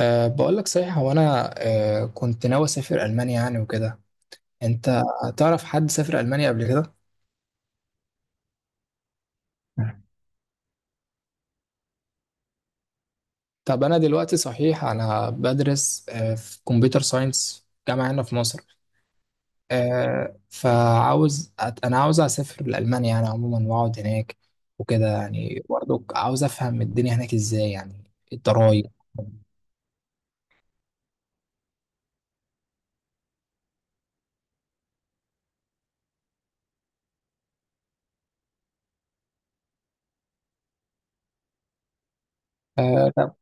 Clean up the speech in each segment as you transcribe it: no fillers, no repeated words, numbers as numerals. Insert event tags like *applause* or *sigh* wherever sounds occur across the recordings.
بقول لك صحيح هو انا كنت ناوي اسافر المانيا يعني وكده. انت تعرف حد سافر المانيا قبل كده؟ طب انا دلوقتي صحيح انا بدرس في كمبيوتر ساينس جامعه هنا في مصر. فعاوز انا عاوز اسافر لالمانيا يعني عموما واقعد هناك وكده، يعني برضو عاوز افهم الدنيا هناك ازاي يعني. الضرايب. طب،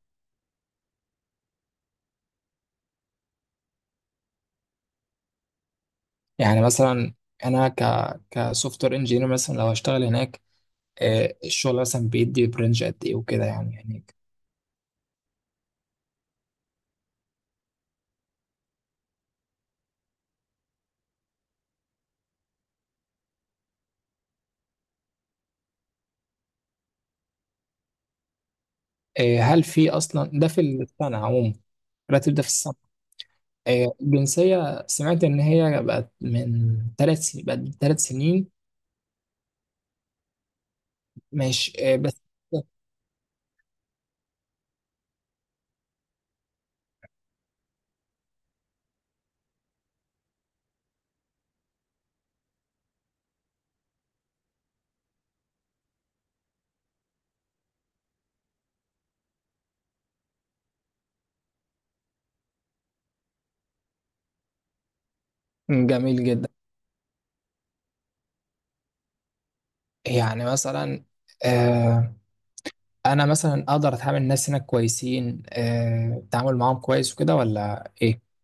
يعني مثلا انا كسوفت وير انجينير مثلا لو هشتغل هناك، الشغل مثلا بيدي برنج قد ايه وكده يعني هناك. هل في اصلا ده في السنه عموما؟ الراتب ده في السنه؟ الجنسيه سمعت ان هي بقت من ثلاث سنين، بقت ثلاث سنين. مش بس. جميل جدا. يعني مثلا آه، انا مثلا اقدر اتعامل الناس هناك كويسين؟ التعامل معاهم كويس وكده ولا ايه؟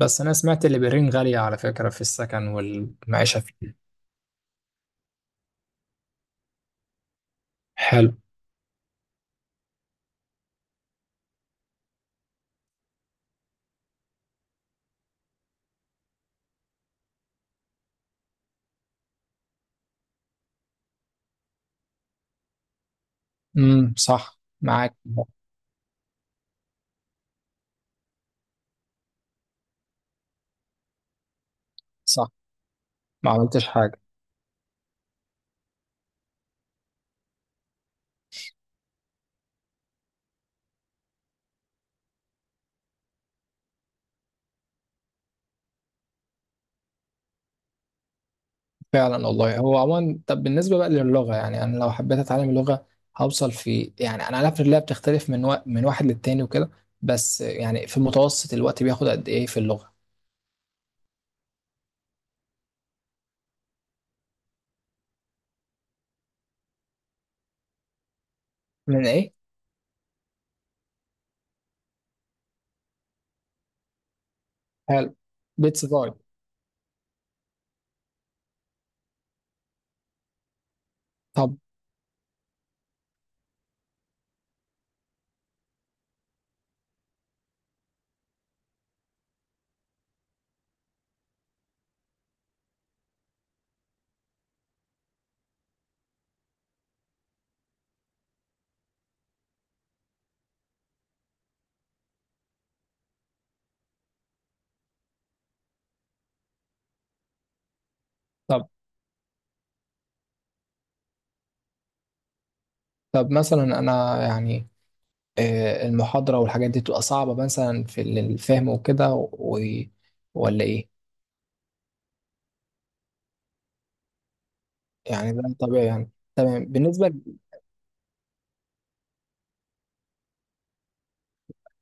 بس انا سمعت اللي برين غاليه على فكره في السكن والمعيشه فيه. حلو. امم، صح معاك. صح، ما عملتش حاجة. فعلا والله، هو عموما طب بالنسبة بقى للغة، يعني أنا لو حبيت أتعلم اللغة هوصل في، يعني أنا عارف إن اللغة بتختلف من واحد للتاني وكده، بس يعني في متوسط الوقت بياخد قد إيه في اللغة؟ من إيه؟ حلو. بيتس فايب. طب. طب طب مثلا أنا يعني، المحاضرة والحاجات دي تبقى صعبة مثلا في الفهم وكده ولا إيه؟ يعني ده طبيعي يعني. تمام. بالنسبة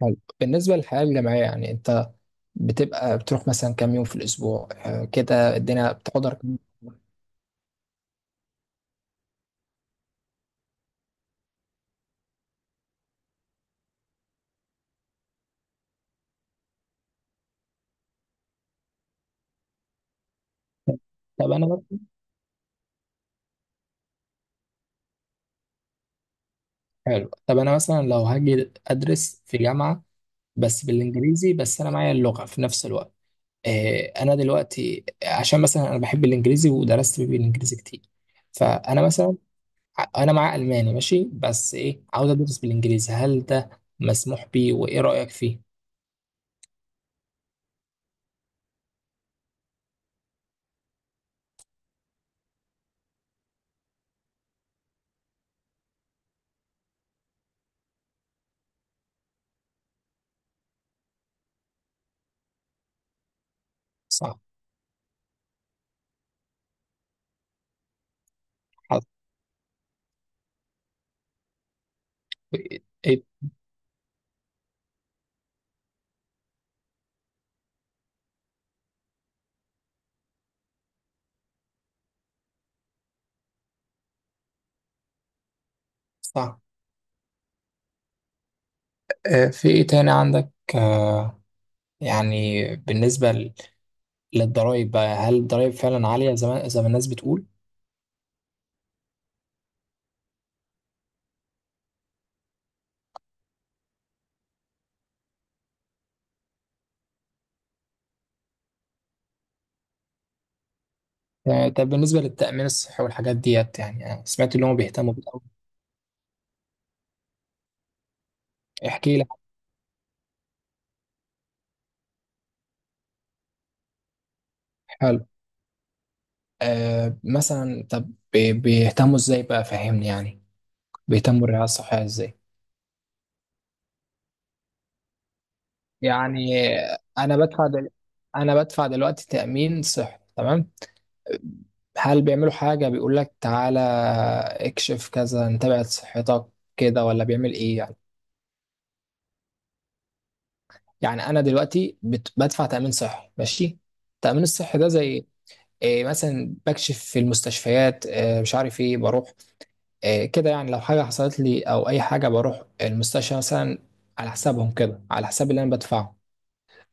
حلو. بالنسبة للحياة الجامعية، يعني أنت بتبقى بتروح مثلا كام يوم في الأسبوع كده الدنيا بتقدر؟ طب حلو، طب أنا مثلا لو هاجي أدرس في جامعة بس بالإنجليزي، بس أنا معايا اللغة في نفس الوقت. أنا دلوقتي عشان مثلا أنا بحب الإنجليزي ودرست بالإنجليزي كتير، فأنا مثلا أنا معايا ألماني ماشي، بس إيه، عاوز أدرس بالإنجليزي، هل ده مسموح بيه وإيه رأيك فيه؟ صح. حط- إيه. صح. في إيه تاني عندك؟ آه، يعني بالنسبة للضرايب بقى، هل الضرايب فعلا عالية زي ما زي ما الناس بتقول؟ طب بالنسبة للتأمين الصحي والحاجات ديت، يعني أنا سمعت إن هم بيهتموا بيه أوي. احكي لي. حلو. آه، مثلا طب بيهتموا إزاي بقى، فهمني يعني، بيهتموا بالرعاية الصحية إزاي؟ يعني أنا بدفع دلوقتي تأمين صحي تمام؟ هل بيعملوا حاجة بيقول لك تعالى اكشف كذا، نتابع صحتك كده، ولا بيعمل إيه يعني؟ يعني انا دلوقتي بدفع تامين صحي ماشي، التامين الصحي ده زي إيه، مثلا بكشف في المستشفيات، إيه مش عارف ايه، بروح إيه كده يعني، لو حاجه حصلت لي او اي حاجه بروح المستشفى مثلا على حسابهم كده، على حساب اللي انا بدفعه،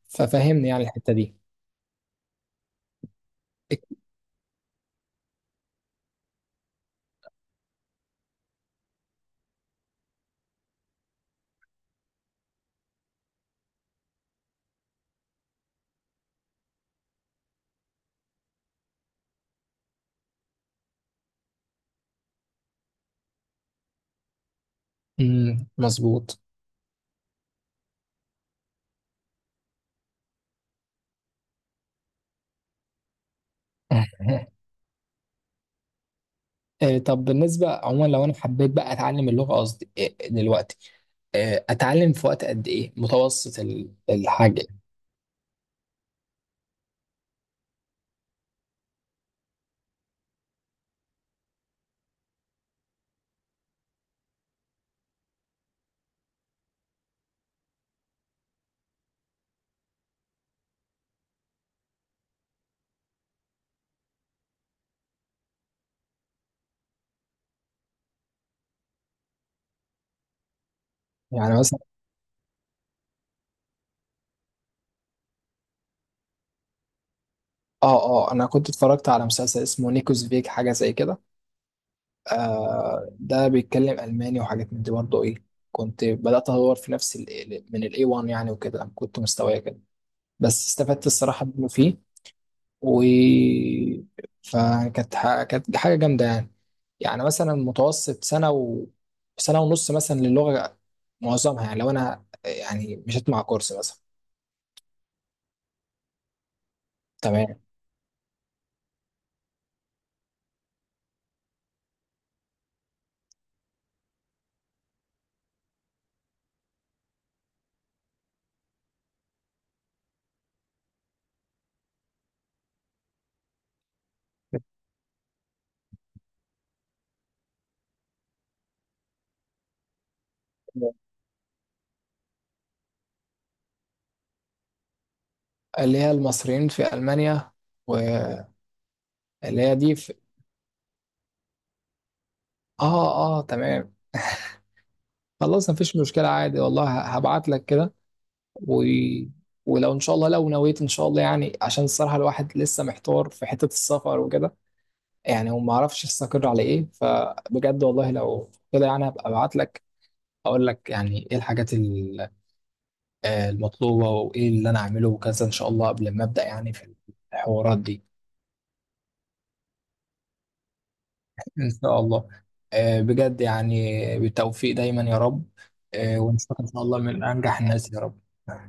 ففهمني يعني الحته دي. امم، مظبوط. *laughs* إيه، طب بالنسبه عموما لو انا حبيت بقى اتعلم اللغه، قصدي إيه دلوقتي، إيه اتعلم في وقت قد ايه، متوسط الحاجه يعني؟ اه. اه انا كنت اتفرجت على مسلسل اسمه نيكوز فيك حاجه زي كده، آه ده بيتكلم الماني وحاجات من دي برضه ايه. كنت بدات ادور في نفس ال، من الاي 1 يعني وكده، كنت مستوايا كده بس استفدت الصراحه منه فيه. و كانت حاجه جامده يعني. يعني مثلا متوسط سنه سنه ونص مثلا للغه معظمها، يعني لو انا يعني مشيت مع كورس مثلا. تمام. *laughs* اللي هي المصريين في المانيا، واللي هي دي. اه اه تمام. خلاص مفيش مشكلة عادي والله، هبعت لك كده و... ولو ان شاء الله، لو نويت ان شاء الله، يعني عشان الصراحة الواحد لسه محتار في حتة السفر وكده يعني، وما اعرفش استقر على ايه، فبجد والله لو كده يعني هبقى ابعت لك، اقول لك يعني ايه الحاجات آه المطلوبة وايه اللي انا اعمله وكذا ان شاء الله قبل ما ابدأ يعني في الحوارات دي. ان شاء الله. آه بجد، يعني بالتوفيق دايما يا رب. آه ونشوفك ان شاء الله من انجح الناس يا رب.